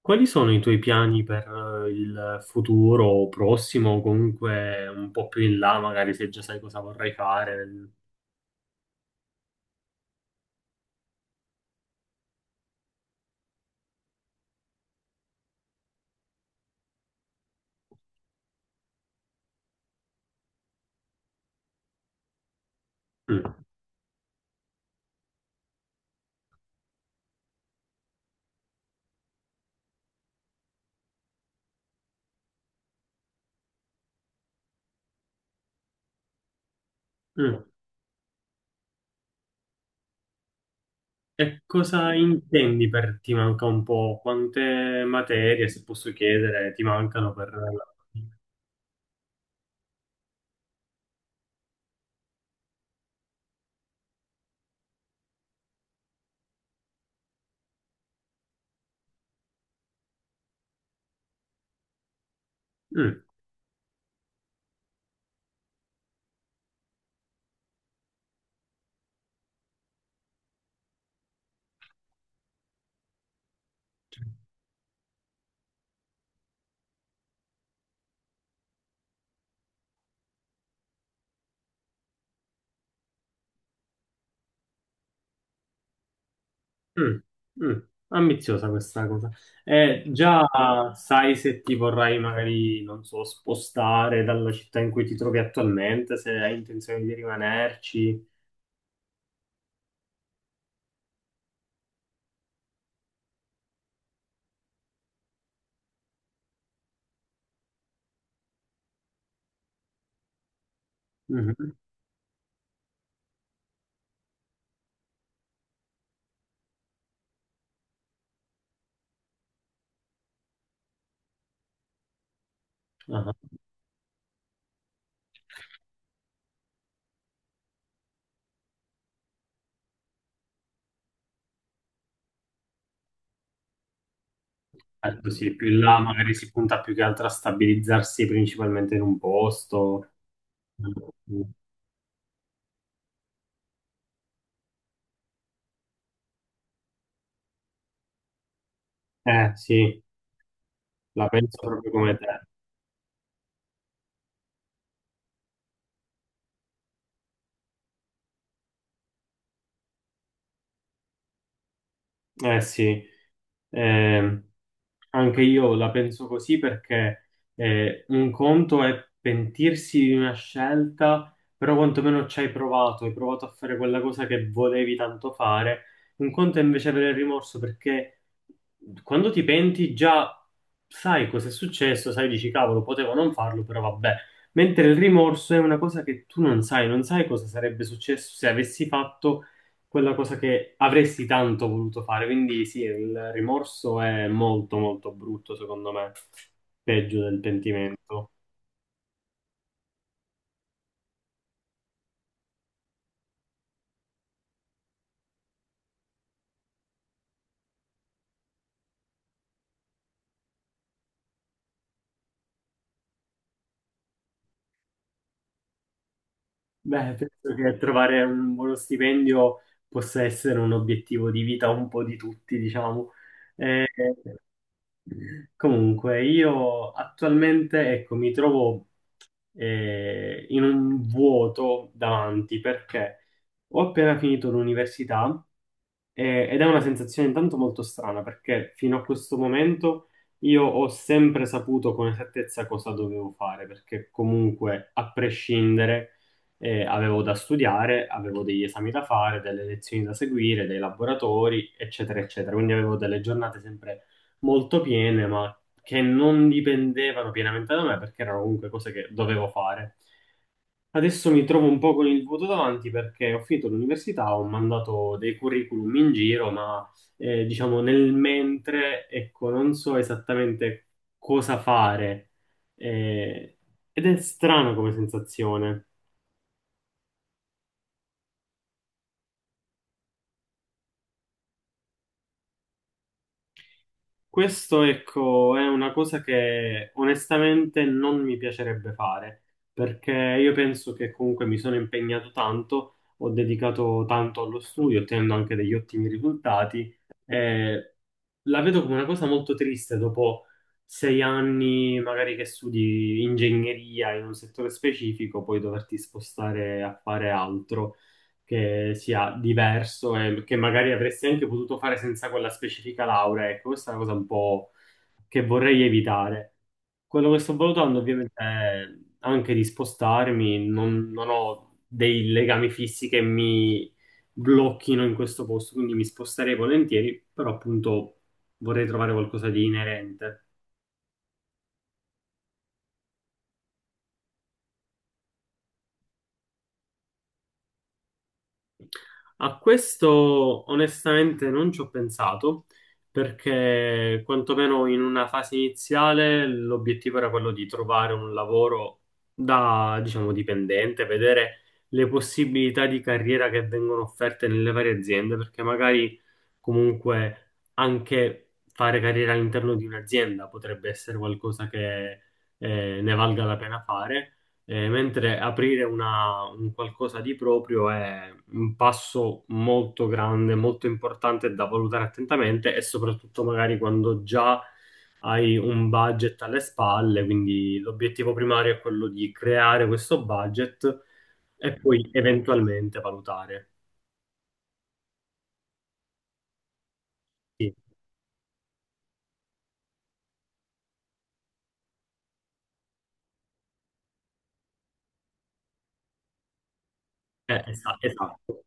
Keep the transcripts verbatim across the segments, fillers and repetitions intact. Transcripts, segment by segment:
Quali sono i tuoi piani per eh, il futuro prossimo o comunque un po' più in là, magari se già sai cosa vorrai fare? Mm, mm. E cosa intendi per ti manca un po'? Quante materie, se posso chiedere, ti mancano per... la- Mm, mm, mm. Ambiziosa questa cosa. Eh, già sai se ti vorrai magari, non so, spostare dalla città in cui ti trovi attualmente, se hai intenzione di rimanerci? Mhm. Ah, certo, sì, più in là magari si punta più che altro a stabilizzarsi principalmente in un posto. Eh, sì, la penso proprio come te. Eh sì, eh, anche io la penso così perché eh, un conto è pentirsi di una scelta, però quantomeno ci hai provato, hai provato a fare quella cosa che volevi tanto fare. Un conto è invece avere il rimorso perché quando ti penti già sai cosa è successo, sai, dici cavolo, potevo non farlo, però vabbè. Mentre il rimorso è una cosa che tu non sai, non sai cosa sarebbe successo se avessi fatto quella cosa che avresti tanto voluto fare. Quindi sì, il rimorso è molto molto brutto, secondo me, peggio del pentimento. Beh, penso che trovare un buono stipendio possa essere un obiettivo di vita un po' di tutti, diciamo. Eh, Comunque, io attualmente, ecco, mi trovo eh, in un vuoto davanti perché ho appena finito l'università, eh, ed è una sensazione intanto molto strana perché fino a questo momento io ho sempre saputo con esattezza cosa dovevo fare perché comunque, a prescindere, eh, avevo da studiare, avevo degli esami da fare, delle lezioni da seguire, dei laboratori, eccetera, eccetera. Quindi avevo delle giornate sempre molto piene, ma che non dipendevano pienamente da me perché erano comunque cose che dovevo fare. Adesso mi trovo un po' con il vuoto davanti perché ho finito l'università, ho mandato dei curriculum in giro, ma eh, diciamo nel mentre, ecco, non so esattamente cosa fare. Eh, Ed è strano come sensazione. Questo, ecco, è una cosa che onestamente non mi piacerebbe fare, perché io penso che comunque mi sono impegnato tanto, ho dedicato tanto allo studio, ottenendo anche degli ottimi risultati. eh, la vedo come una cosa molto triste dopo sei anni, magari che studi ingegneria in un settore specifico, poi doverti spostare a fare altro che sia diverso e che magari avresti anche potuto fare senza quella specifica laurea. Ecco, questa è una cosa un po' che vorrei evitare. Quello che sto valutando ovviamente è anche di spostarmi, non, non ho dei legami fissi che mi blocchino in questo posto, quindi mi sposterei volentieri, però appunto vorrei trovare qualcosa di inerente. A questo onestamente non ci ho pensato perché quantomeno in una fase iniziale l'obiettivo era quello di trovare un lavoro da, diciamo, dipendente, vedere le possibilità di carriera che vengono offerte nelle varie aziende, perché magari comunque anche fare carriera all'interno di un'azienda potrebbe essere qualcosa che eh, ne valga la pena fare. Eh, mentre aprire una- un qualcosa di proprio è un passo molto grande, molto importante da valutare attentamente e soprattutto magari quando già hai un budget alle spalle, quindi l'obiettivo primario è quello di creare questo budget e poi eventualmente valutare. Sì, eh, esa- esatto.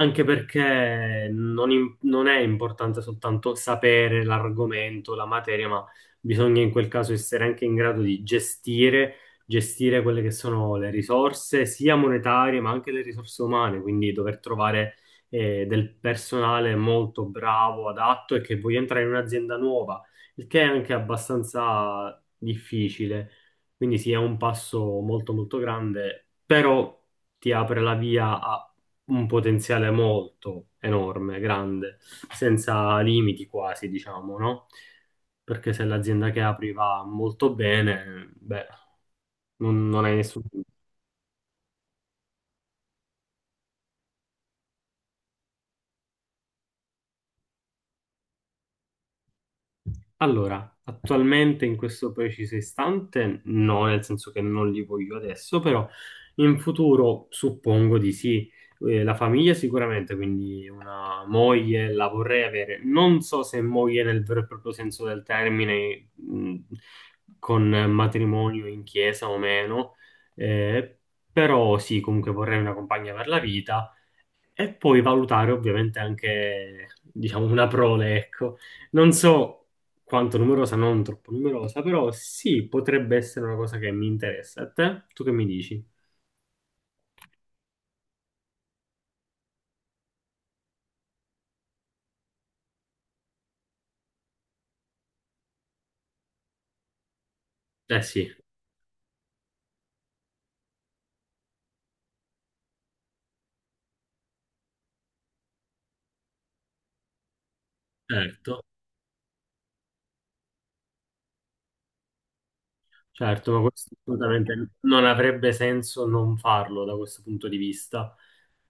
Anche perché non, im- non è importante soltanto sapere l'argomento, la materia, ma bisogna in quel caso essere anche in grado di gestire, gestire quelle che sono le risorse, sia monetarie, ma anche le risorse umane, quindi dover trovare eh, del personale molto bravo, adatto e che voglia entrare in un'azienda nuova, il che è anche abbastanza difficile. Quindi sì, è un passo molto molto grande, però ti apre la via a un potenziale molto enorme, grande, senza limiti quasi, diciamo, no? Perché se l'azienda che apri va molto bene, beh, non, non hai nessun... Allora, attualmente in questo preciso istante no, nel senso che non li voglio adesso, però in futuro suppongo di sì. Eh, la famiglia sicuramente, quindi una moglie la vorrei avere. Non so se moglie nel vero e proprio senso del termine, mh, con matrimonio in chiesa o meno, eh, però sì, comunque vorrei una compagna per la vita. E poi valutare ovviamente anche, diciamo, una prole, ecco. Non so quanto numerosa, non troppo numerosa, però sì, potrebbe essere una cosa che mi interessa. A te? Tu che mi dici? Eh sì, certo. Certo, ma questo assolutamente non avrebbe senso non farlo da questo punto di vista.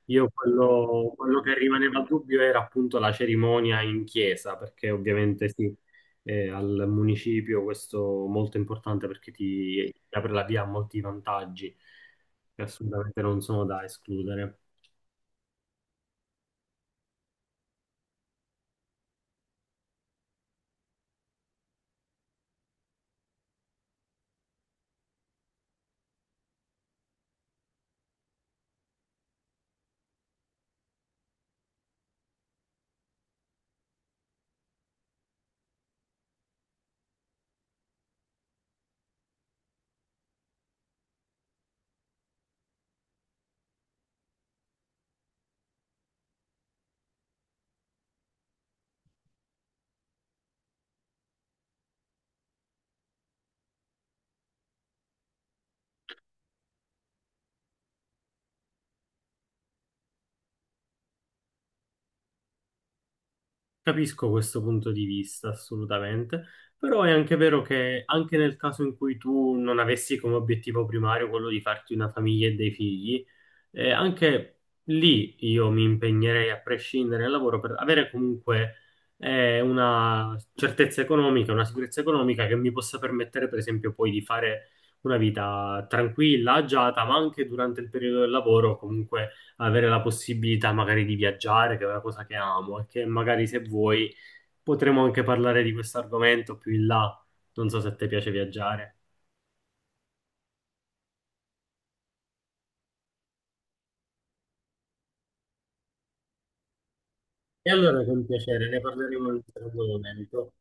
Io quello, quello che rimaneva a dubbio era appunto la cerimonia in chiesa, perché ovviamente sì, eh, al municipio questo è molto importante perché ti, ti apre la via a molti vantaggi che assolutamente non sono da escludere. Capisco questo punto di vista, assolutamente, però è anche vero che anche nel caso in cui tu non avessi come obiettivo primario quello di farti una famiglia e dei figli, e anche lì io mi impegnerei a prescindere dal lavoro per avere comunque eh, una certezza economica, una sicurezza economica che mi possa permettere, per esempio, poi di fare una vita tranquilla, agiata, ma anche durante il periodo del lavoro, comunque avere la possibilità magari di viaggiare, che è una cosa che amo, e che magari se vuoi potremo anche parlare di questo argomento più in là. Non so se a te piace viaggiare. E allora con piacere ne parleremo in un altro momento.